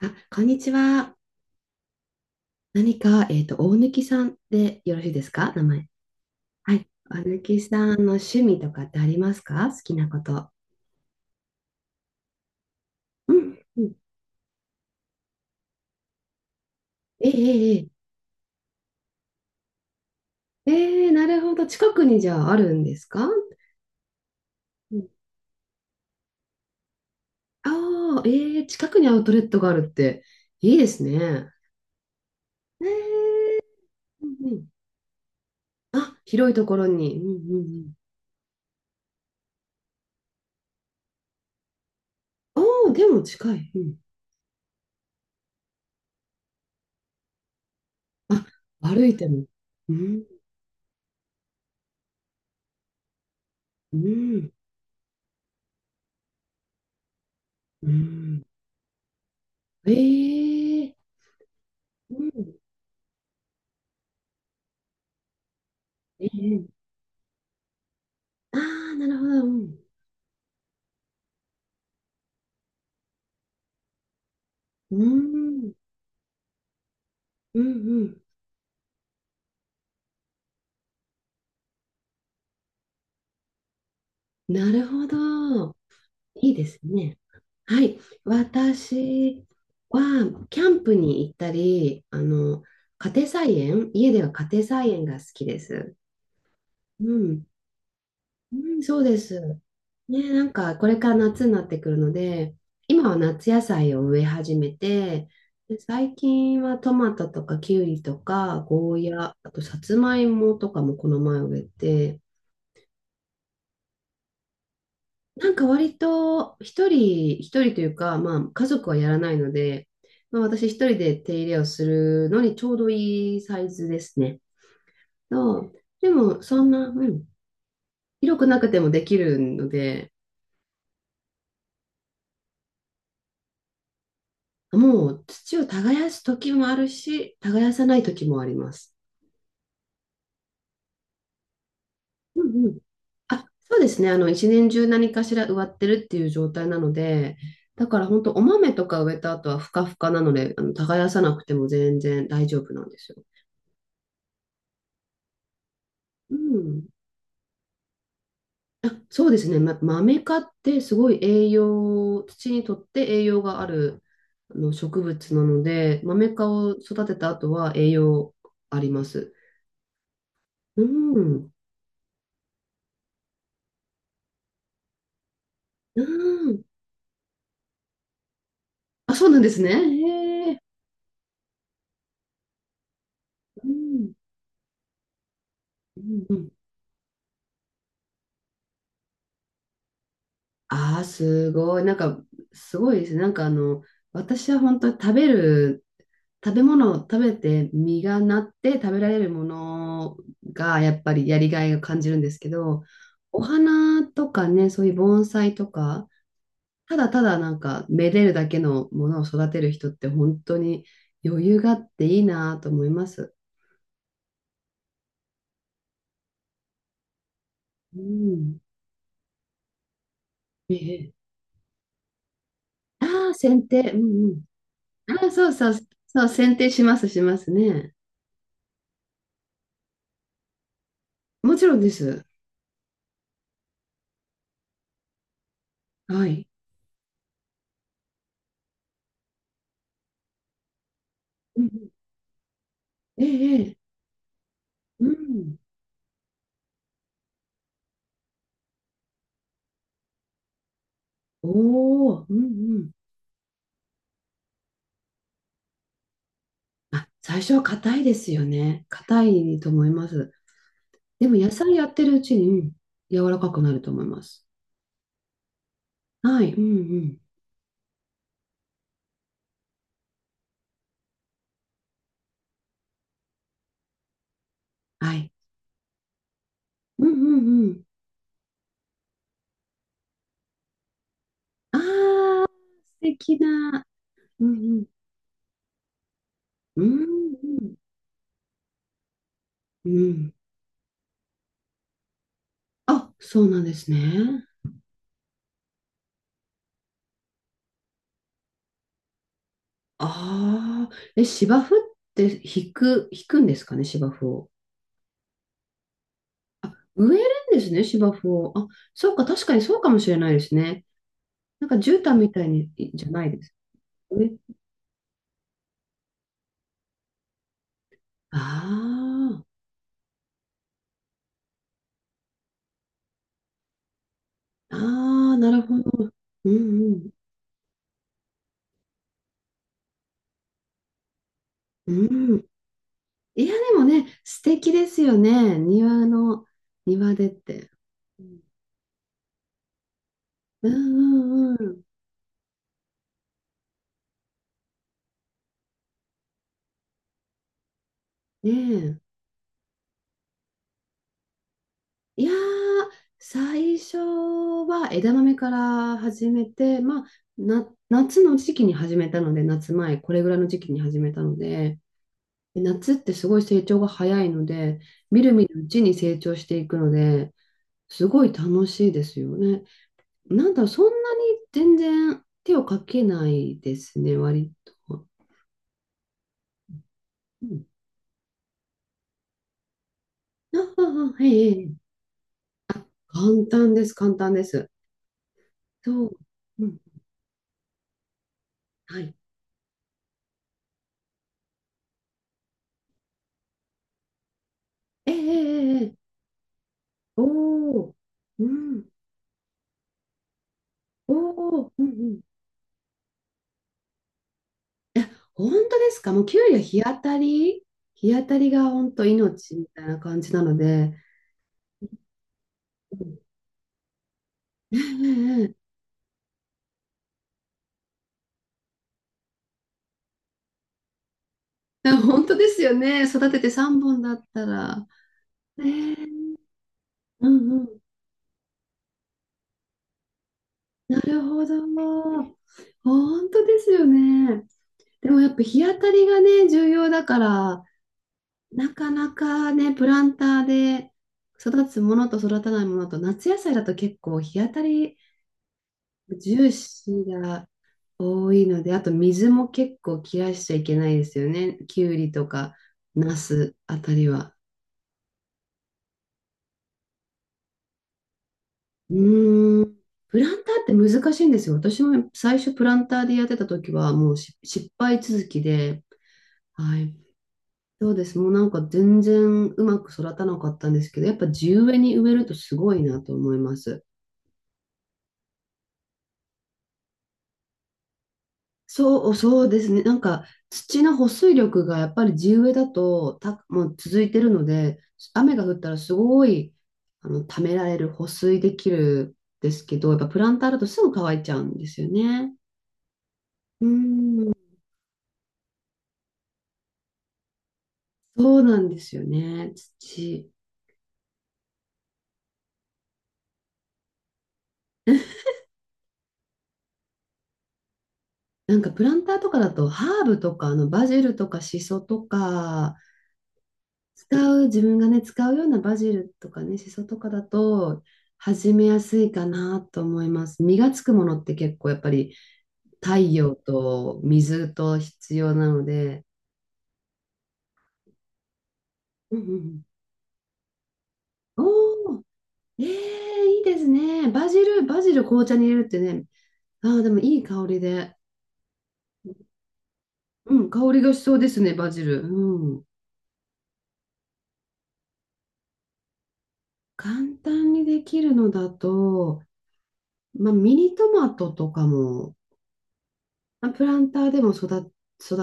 あ、こんにちは。何か、大貫さんでよろしいですか？名前。はい。大貫さんの趣味とかってありますか？好きなこと。うん。うん。ええええええ、なるほど。近くにじゃああるんですか？うん。ああ、ええ、近くにアウトレットがあるって、いいですね。ええ、うんうん。あ、広いところに。うんうんうん。おお、でも近い。うん。あ、歩いても。うん。うん。うん。ええ、うん。ええ、ああ、なるほど。うん。うーん。うんうん。なるほど。いいですね。はい。私は、キャンプに行ったり、あの、家庭菜園、家では家庭菜園が好きです。うん。うん、そうです。ね、なんか、これから夏になってくるので、今は夏野菜を植え始めて、で、最近はトマトとかキュウリとか、ゴーヤ、あとさつまいもとかもこの前植えて、なんか割と一人、一人というか、まあ家族はやらないので、まあ私一人で手入れをするのにちょうどいいサイズですね。そう、でもそんな、うん、広くなくてもできるので、もう土を耕す時もあるし、耕さない時もあります。うんうん。あ、そうですね。あの、一年中何かしら植わってるっていう状態なので、だから本当お豆とか植えた後はふかふかなので、あの、耕さなくても全然大丈夫なんですよ。うん。あ、そうですね。ま、豆科ってすごい栄養、土にとって栄養があるあの植物なので、豆メ科を育てた後は栄養あります。うん。うん。あ、そうなんですね。へえ。うん。うんうん。ああ、すごい。なんか、すごいですね。なんかあの、私は本当に食べる食べ物を食べて実がなって食べられるものがやっぱりやりがいを感じるんですけど、お花とかね、そういう盆栽とか、ただただなんかめでるだけのものを育てる人って本当に余裕があっていいなと思います。うん。ええ。ああ、剪定。うんうん。ああ、そうそう、そう、剪定します、しますね。もちろんです。はい。うんうん、ええ、ええ、うん。おお、うんうん。あ、最初は硬いですよね。硬いと思います。でも野菜やってるうちに、うん、柔らかくなると思います。はい、うんうん。はい。うんうんうん。ああ、素敵な。うんうん。うんうん。うん。あ、そうなんですね。ああ、え、芝生って引く、引くんですかね、芝生を。植えるんですね、芝生を。あ、そうか、確かにそうかもしれないですね。なんか絨毯みたいに、じゃないですね。ああ。ああ、なるほど。うんうん。うん。いや、でもね、素敵ですよね。庭の、庭でって。うんうんうん。ねえ。いやー、最初は枝豆から始めて、まあ、夏の時期に始めたので、夏前、これぐらいの時期に始めたので、で夏ってすごい成長が早いので、みるみるうちに成長していくので、すごい楽しいですよね。なんだ、そんなに全然手をかけないですね、割と。うん、ああ、あ、ええ、ええ、簡単です、簡単です。そう。うん、はい。ええ、ええ、ええ、おお、うん、おお、うんうん。え、本当ですか？もうキュウリは日当たり、日当たりが本当命みたいな感じなので。うん、ええ、ええ、ええ、本当ですよね。育てて3本だったら。ええ、うん、なるほど。本当ですよね。でもやっぱ日当たりがね、重要だから、なかなかね、プランターで育つものと育たないものと、夏野菜だと結構日当たり重視が多いので、あと水も結構切らしちゃいけないですよね。きゅうりとか、ナスあたりは。うーん。プランターって難しいんですよ。私も最初プランターでやってた時はもう失敗続きで、はい、そうです。もうなんか全然うまく育たなかったんですけど、やっぱ地植えに植えるとすごいなと思います。そう、そうですね。なんか土の保水力がやっぱり地植えだと、もう続いてるので、雨が降ったらすごい、あの、ためられる、保水できるんですけど、やっぱプランターだとすぐ乾いちゃうんですよね。うーん、そうなんですよね。土。なんかプランターとかだとハーブとか、あの、バジルとかシソとか、使う、自分がね、使うようなバジルとかね、シソとかだと、始めやすいかなと思います。実がつくものって結構やっぱり太陽と水と必要なので。うんうん。おお、えー、いいですね。バジル、バジル紅茶に入れるってね。ああ、でもいい香りで。うん、香りがしそうですね、バジル。うん。簡単にできるのだと、まあ、ミニトマトとかも、まあプランターでも育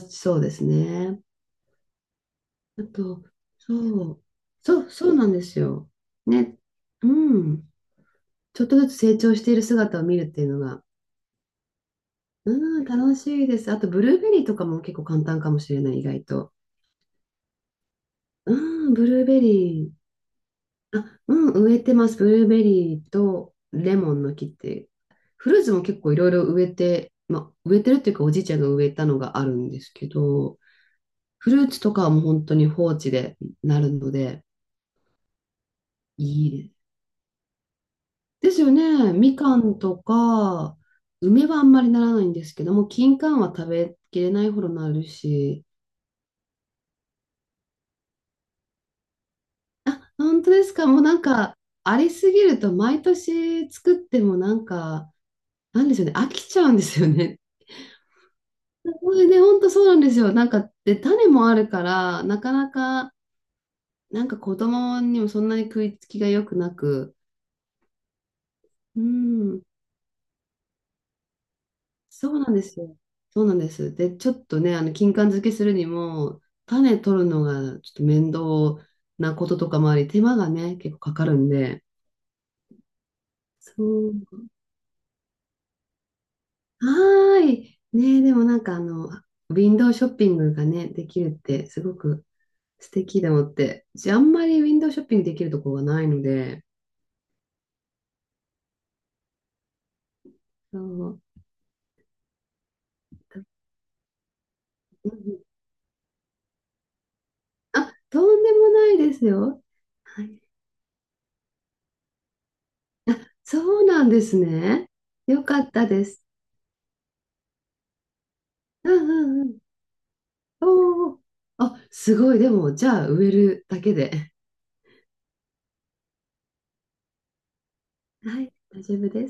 ちそうですね。あと、そう、そう、そうなんですよ。ね、うん。ちょっとずつ成長している姿を見るっていうのが、うん、楽しいです。あと、ブルーベリーとかも結構簡単かもしれない、意外と。うん、ブルーベリー。あ、うん、植えてます。ブルーベリーとレモンの木って。フルーツも結構いろいろ植えて、まあ、植えてるっていうか、おじいちゃんが植えたのがあるんですけど、フルーツとかはもう本当に放置でなるので、いいです。ですよね。みかんとか、梅はあんまりならないんですけども、金柑は食べきれないほどなるし、本当ですか？もうなんか、ありすぎると毎年作ってもなんか、なんでしょうね、飽きちゃうんですよね。これね、本当そうなんですよ。なんか、で、種もあるから、なかなか、なんか子供にもそんなに食いつきが良くなく、うん、そうなんですよ。そうなんです。で、ちょっとね、あの、金柑漬けするにも、種取るのがちょっと面倒なこととかもあり、手間がね、結構かかるんで。そう。はーい。ねえ、でもなんかあの、ウィンドウショッピングがね、できるってすごく素敵だもって。じゃあ、あんまりウィンドウショッピングできるとこがないので。そう。うん、あ、とんでもないですよ。はい。そうなんですね。よかったです。うんうんうん、おお、あ、すごい。でも、じゃあ、植えるだけで。はい、大丈夫です。